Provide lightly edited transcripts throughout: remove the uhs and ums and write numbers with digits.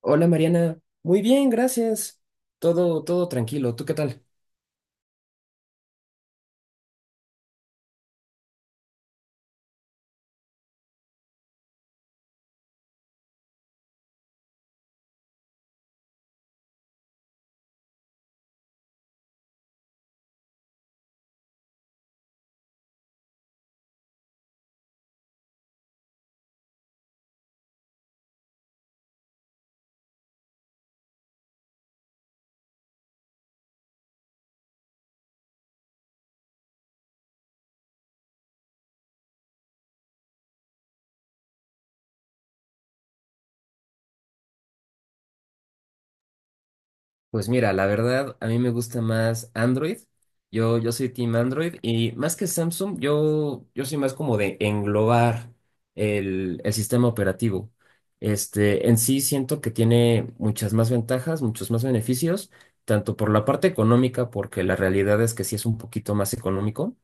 Hola Mariana, muy bien, gracias. Todo tranquilo. ¿Tú qué tal? Pues mira, la verdad, a mí me gusta más Android. Yo soy team Android y más que Samsung, yo soy más como de englobar el sistema operativo. En sí siento que tiene muchas más ventajas, muchos más beneficios, tanto por la parte económica, porque la realidad es que sí es un poquito más económico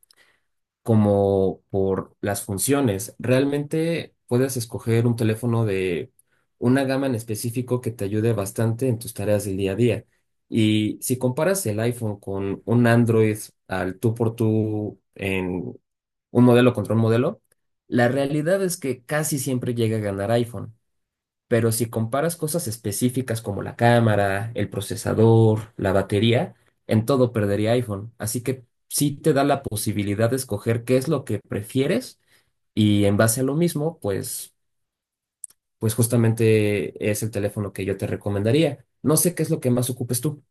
como por las funciones. Realmente puedes escoger un teléfono de una gama en específico que te ayude bastante en tus tareas del día a día. Y si comparas el iPhone con un Android al tú por tú en un modelo contra un modelo, la realidad es que casi siempre llega a ganar iPhone. Pero si comparas cosas específicas como la cámara, el procesador, la batería, en todo perdería iPhone. Así que sí te da la posibilidad de escoger qué es lo que prefieres y en base a lo mismo, pues, pues justamente es el teléfono que yo te recomendaría. No sé qué es lo que más ocupes tú.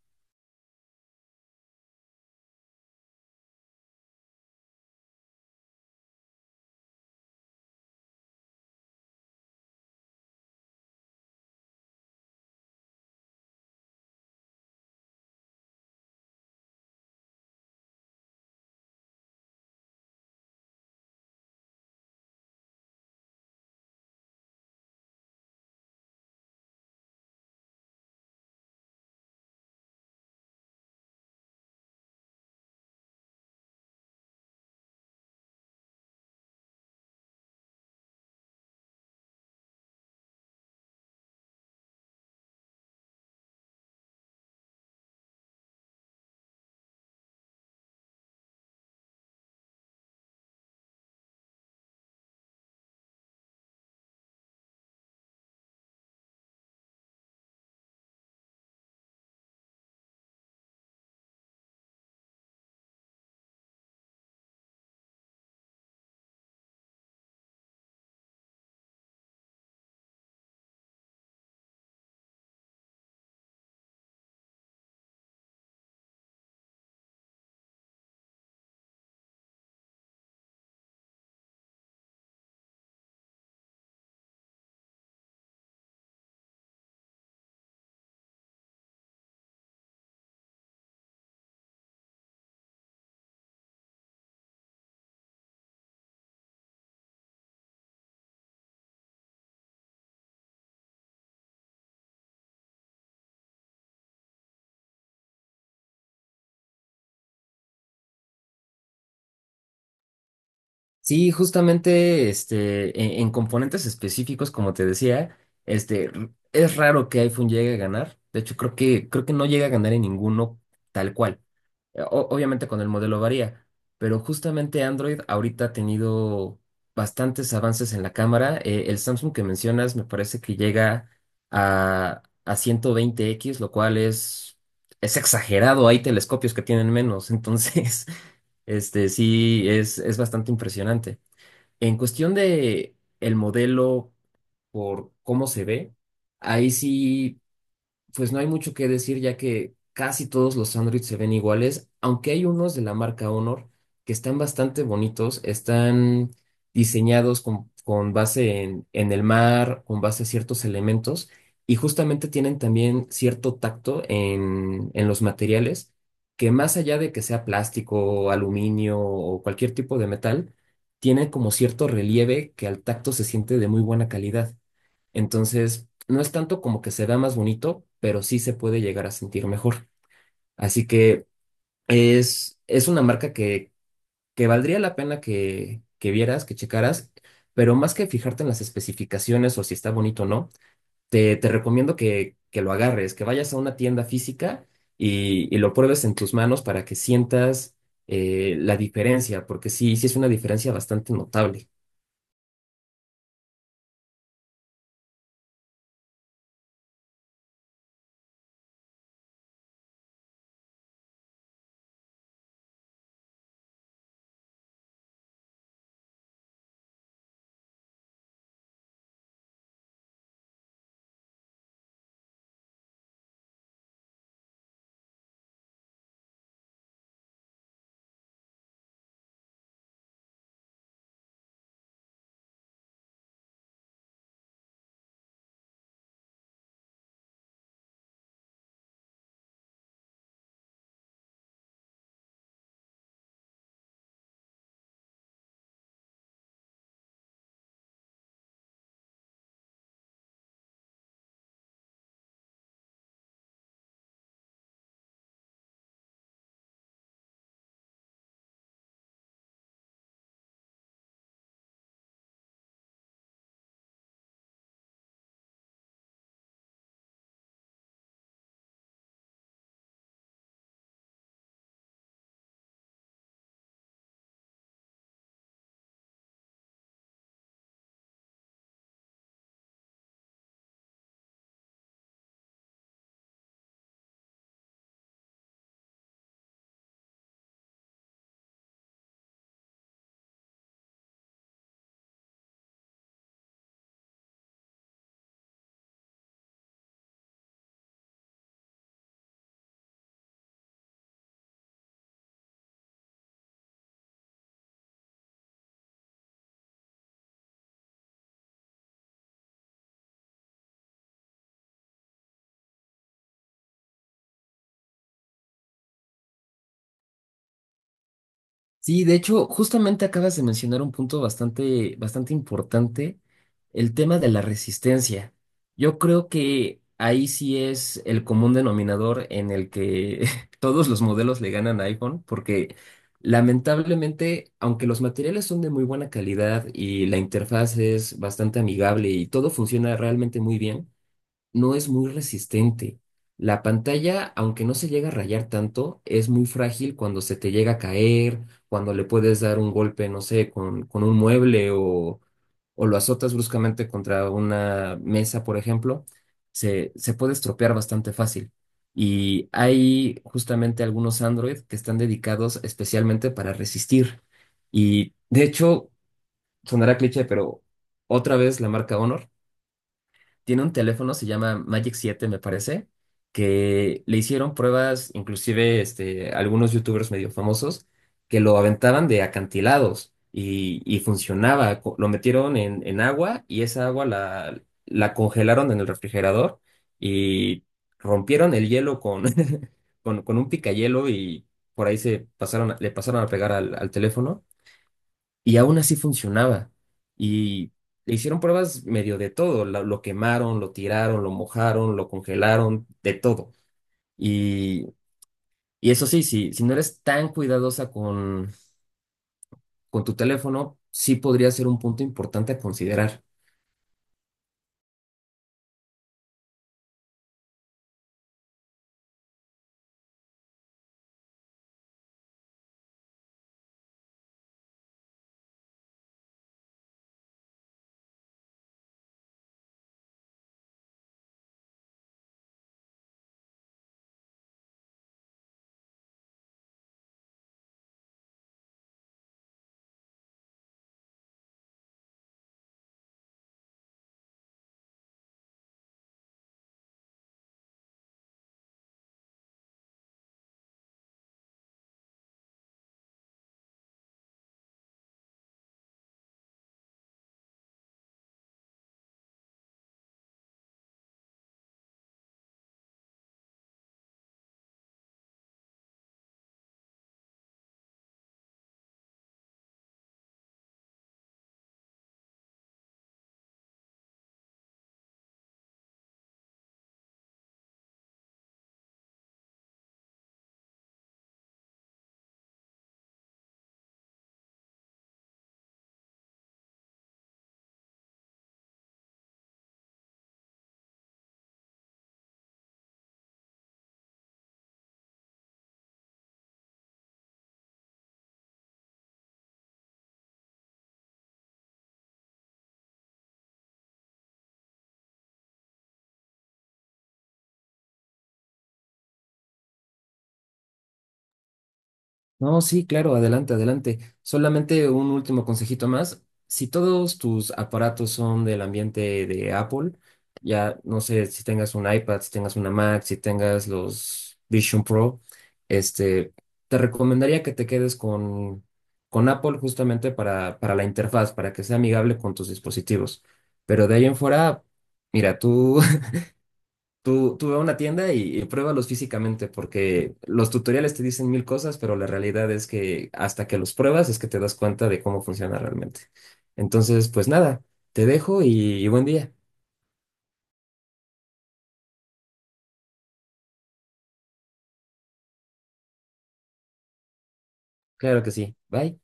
Sí, justamente en componentes específicos, como te decía, es raro que iPhone llegue a ganar. De hecho, creo que no llega a ganar en ninguno tal cual. Obviamente con el modelo varía, pero justamente Android ahorita ha tenido bastantes avances en la cámara. El Samsung que mencionas me parece que llega a 120x, lo cual es exagerado. Hay telescopios que tienen menos, entonces sí es bastante impresionante. En cuestión de el modelo por cómo se ve, ahí sí. Pues no hay mucho que decir, ya que casi todos los Android se ven iguales, aunque hay unos de la marca Honor que están bastante bonitos, están diseñados con base en el mar, con base a ciertos elementos, y justamente tienen también cierto tacto en los materiales, que más allá de que sea plástico, aluminio o cualquier tipo de metal, tienen como cierto relieve que al tacto se siente de muy buena calidad. Entonces, no es tanto como que se vea más bonito, pero sí se puede llegar a sentir mejor. Así que es una marca que valdría la pena que vieras, que checaras, pero más que fijarte en las especificaciones o si está bonito o no, te recomiendo que lo agarres, que vayas a una tienda física y lo pruebes en tus manos para que sientas la diferencia, porque sí, sí es una diferencia bastante notable. Sí, de hecho, justamente acabas de mencionar un punto bastante, bastante importante, el tema de la resistencia. Yo creo que ahí sí es el común denominador en el que todos los modelos le ganan a iPhone, porque lamentablemente, aunque los materiales son de muy buena calidad y la interfaz es bastante amigable y todo funciona realmente muy bien, no es muy resistente. La pantalla, aunque no se llega a rayar tanto, es muy frágil cuando se te llega a caer, cuando le puedes dar un golpe, no sé, con un mueble o lo azotas bruscamente contra una mesa, por ejemplo, se puede estropear bastante fácil. Y hay justamente algunos Android que están dedicados especialmente para resistir. Y de hecho, sonará cliché, pero otra vez la marca Honor. Tiene un teléfono, se llama Magic 7 me parece, que le hicieron pruebas, inclusive algunos youtubers medio famosos, que lo aventaban de acantilados y funcionaba. Lo metieron en agua y esa agua la, la congelaron en el refrigerador y rompieron el hielo con, con un picayelo y por ahí se pasaron, le pasaron a pegar al, al teléfono y aún así funcionaba. Y le hicieron pruebas medio de todo. Lo quemaron, lo tiraron, lo mojaron, lo congelaron, de todo. Y, y eso sí, si no eres tan cuidadosa con tu teléfono, sí podría ser un punto importante a considerar. No, sí, claro, adelante, adelante. Solamente un último consejito más. Si todos tus aparatos son del ambiente de Apple, ya no sé si tengas un iPad, si tengas una Mac, si tengas los Vision Pro, este, te recomendaría que te quedes con Apple justamente para la interfaz, para que sea amigable con tus dispositivos. Pero de ahí en fuera, mira, tú Tú ve a una tienda y pruébalos físicamente, porque los tutoriales te dicen mil cosas, pero la realidad es que hasta que los pruebas es que te das cuenta de cómo funciona realmente. Entonces, pues nada, te dejo y buen día. Claro que sí. Bye.